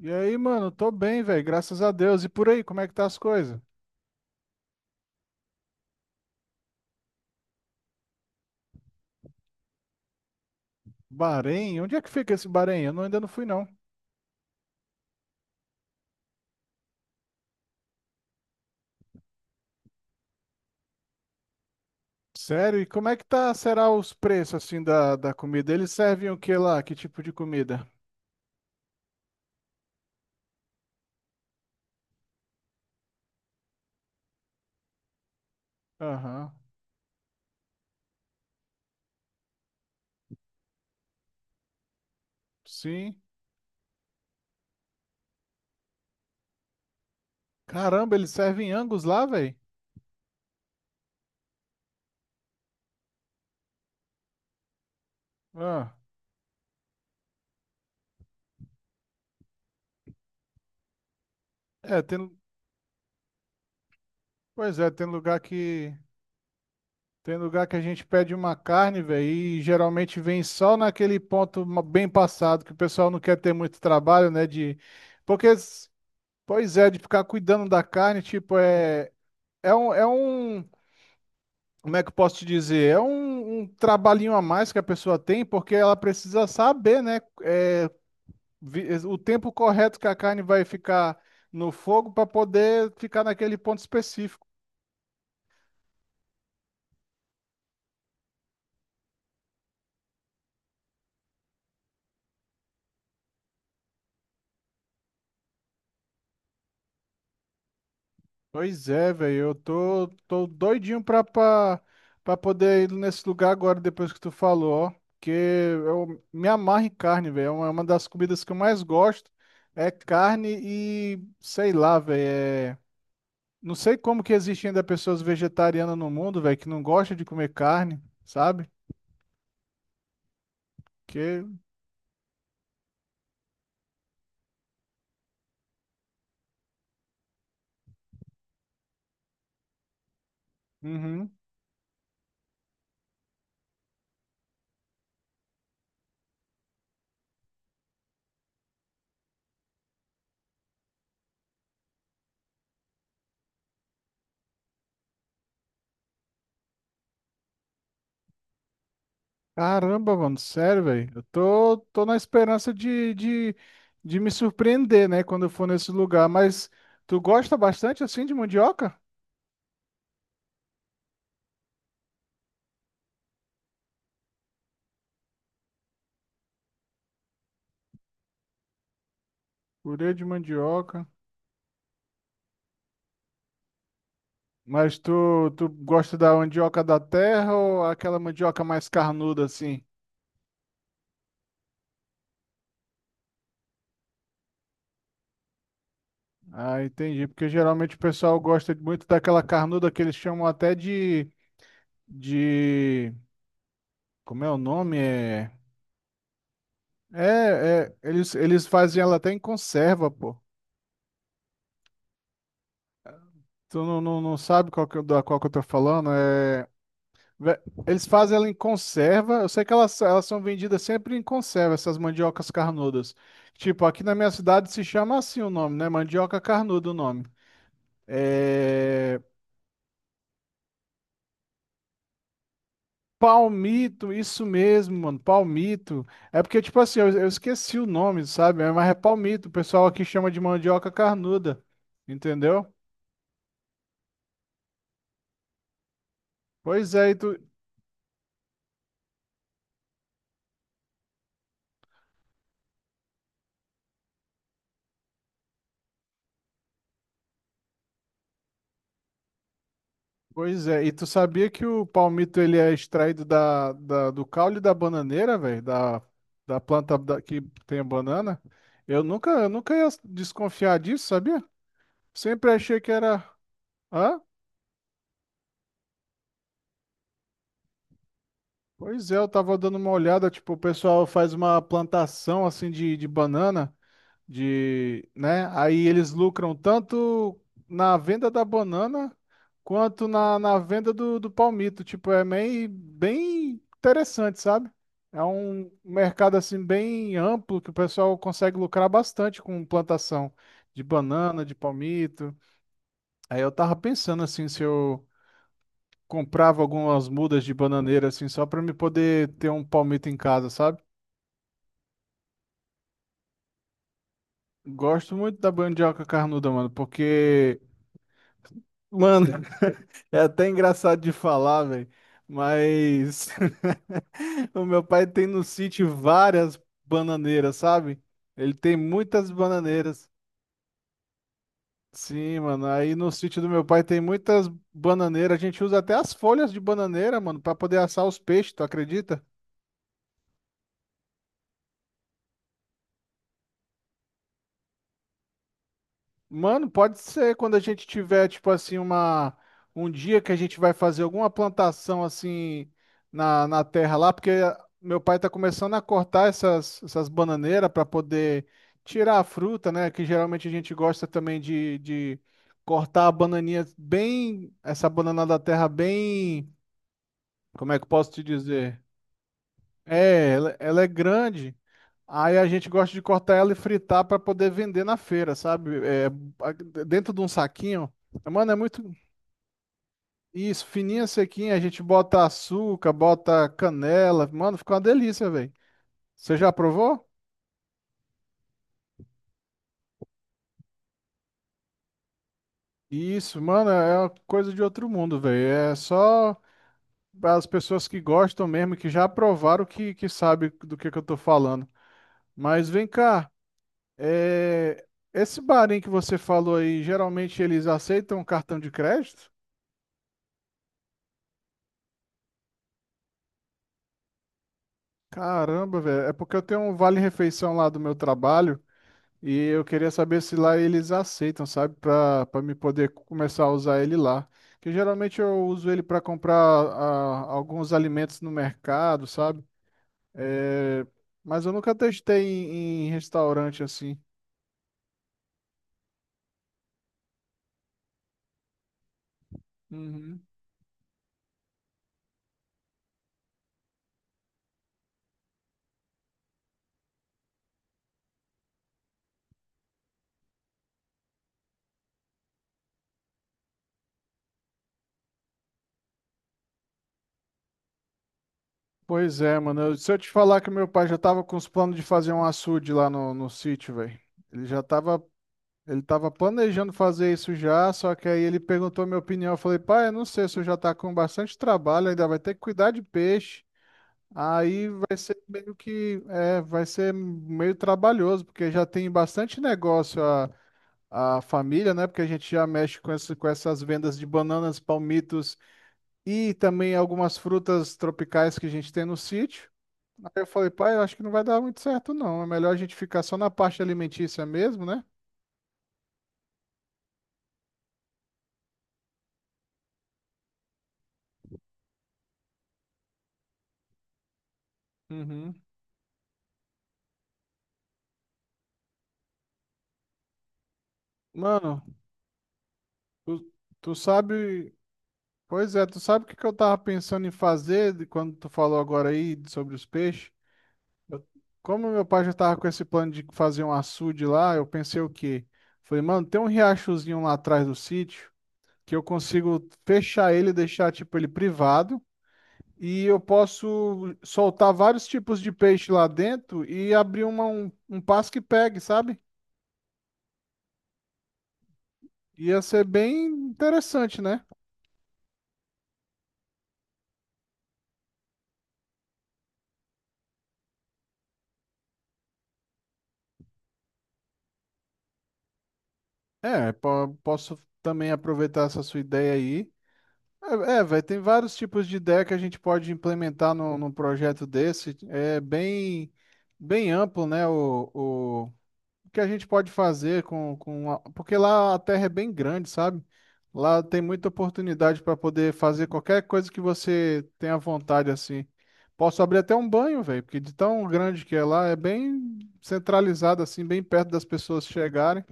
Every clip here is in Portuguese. E aí, mano, tô bem, velho, graças a Deus. E por aí, como é que tá as coisas? Bahrein? Onde é que fica esse Bahrein? Eu não- Ainda não fui, não. Sério? E como é que tá, será os preços, assim, da comida? Eles servem o que lá? Que tipo de comida? Aham, sim. Caramba, eles servem Angus lá, velho? Ah, é, tem... Pois é, tem lugar que... Tem lugar que a gente pede uma carne, velho, e geralmente vem só naquele ponto bem passado, que o pessoal não quer ter muito trabalho, né, de... Porque... Pois é, de ficar cuidando da carne, tipo, é, é um, é um, como é que eu posso te dizer? É um trabalhinho a mais que a pessoa tem, porque ela precisa saber, né, é, o tempo correto que a carne vai ficar no fogo para poder ficar naquele ponto específico. Pois é, velho, eu tô doidinho pra poder ir nesse lugar agora, depois que tu falou, ó. Porque eu me amarro em carne, velho. É uma das comidas que eu mais gosto. É carne e, sei lá, velho. é- Não sei como que existe ainda pessoas vegetarianas no mundo, velho, que não gostam de comer carne, sabe? Porque, uhum. Caramba, mano, sério, velho. Eu tô na esperança de me surpreender, né, quando eu for nesse lugar. Mas tu gosta bastante assim de mandioca? Purê de mandioca. Mas tu gosta da mandioca da terra ou aquela mandioca mais carnuda assim? Ah, entendi. Porque geralmente o pessoal gosta muito daquela carnuda que eles chamam até de... Como é o nome? É eles fazem ela até em conserva, pô. Tu não sabe qual que, da qual que eu tô falando? Ve- Eles fazem ela em conserva. Eu sei que elas são vendidas sempre em conserva, essas mandiocas carnudas. Tipo, aqui na minha cidade se chama assim o nome, né? Mandioca carnuda o nome. É, palmito, isso mesmo, mano. Palmito. É porque, tipo assim, eu esqueci o nome, sabe? Mas é palmito. O pessoal aqui chama de mandioca carnuda. Entendeu? Pois é, e tu, Pois é, e tu sabia que o palmito ele é extraído do caule da bananeira, velho, da, que tem a banana? Eu nunca ia desconfiar disso, sabia? Sempre achei que era. Hã? Pois é, eu tava dando uma olhada, tipo, o pessoal faz uma plantação assim de banana. De, né? Aí eles lucram tanto na venda da banana quanto na venda do palmito. Tipo, é meio bem interessante, sabe? É um mercado assim bem amplo que o pessoal consegue lucrar bastante com plantação de banana, de palmito. Aí eu tava pensando assim se eu comprava algumas mudas de bananeira assim só para me poder ter um palmito em casa, sabe? Gosto muito da mandioca carnuda, mano, porque mano, é até engraçado de falar, velho, mas o meu pai tem no sítio várias bananeiras, sabe? Ele tem muitas bananeiras. Sim, mano, aí no sítio do meu pai tem muitas bananeiras. A gente usa até as folhas de bananeira, mano, pra poder assar os peixes, tu acredita? Mano, pode ser quando a gente tiver, tipo assim, um dia que a gente vai fazer alguma plantação assim na terra lá, porque meu pai tá começando a cortar essas bananeiras para poder tirar a fruta, né? Que geralmente a gente gosta também de cortar a bananinha bem, essa banana da terra bem, como é que eu posso te dizer? É, ela é grande. Aí a gente gosta de cortar ela e fritar para poder vender na feira, sabe? É, a- dentro de um saquinho. Mano, é muito isso, fininha, sequinha. A gente bota açúcar, bota canela. Mano, fica uma delícia, velho. Você já provou? Isso, mano, é uma coisa de outro mundo, velho. É só as pessoas que gostam mesmo, que já provaram, que sabe do que eu tô falando. Mas vem cá, é, esse barinho que você falou aí, geralmente eles aceitam cartão de crédito? Caramba, velho. É porque eu tenho um vale-refeição lá do meu trabalho e eu queria saber se lá eles aceitam, sabe? Pra me poder começar a usar ele lá. Que geralmente eu uso ele pra comprar ah, alguns alimentos no mercado, sabe? É, mas eu nunca testei em restaurante assim. Uhum. Pois é, mano. Se eu te falar que meu pai já tava com os planos de fazer um açude lá no sítio, velho. Ele já tava Ele estava planejando fazer isso já, só que aí ele perguntou minha opinião. Eu falei, pai, eu não sei, se eu já está com bastante trabalho, ainda vai ter que cuidar de peixe. Aí vai ser meio que, é, vai ser meio trabalhoso, porque já tem bastante negócio a família, né? Porque a gente já mexe com essas vendas de bananas, palmitos e também algumas frutas tropicais que a gente tem no sítio. Aí eu falei, pai, eu acho que não vai dar muito certo, não. É melhor a gente ficar só na parte alimentícia mesmo, né? Uhum. Mano, Tu, tu sabe, pois é, tu sabe o que que eu tava pensando em fazer de quando tu falou agora aí sobre os peixes? Eu- Como meu pai já tava com esse plano de fazer um açude lá, eu pensei o quê? Falei, mano, tem um riachozinho lá atrás do sítio que eu consigo fechar ele, deixar tipo ele privado e eu posso soltar vários tipos de peixe lá dentro e abrir um passo que pegue, sabe? Ia ser bem interessante, né? É, posso também aproveitar essa sua ideia aí. É, velho, tem vários tipos de ideia que a gente pode implementar no num projeto desse. É bem, bem amplo, né? O que a gente pode fazer porque lá a terra é bem grande, sabe? Lá tem muita oportunidade para poder fazer qualquer coisa que você tenha vontade, assim. Posso abrir até um banho, velho, porque de tão grande que é lá, é bem centralizado, assim, bem perto das pessoas chegarem.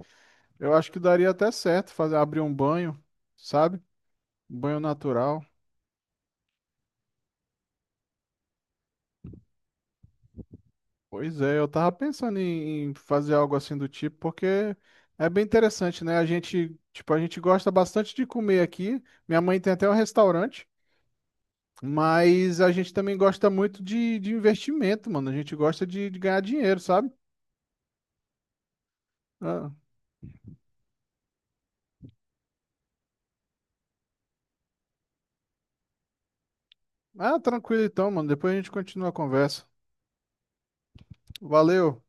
Eu acho que daria até certo fazer abrir um banho, sabe? Um banho natural. Pois é, eu tava pensando em fazer algo assim do tipo, porque é bem interessante, né? A gente, tipo, a gente gosta bastante de comer aqui. Minha mãe tem até um restaurante, mas a gente também gosta muito de investimento, mano. A gente gosta de ganhar dinheiro, sabe? Ah, ah, tranquilo então, mano. Depois a gente continua a conversa. Valeu!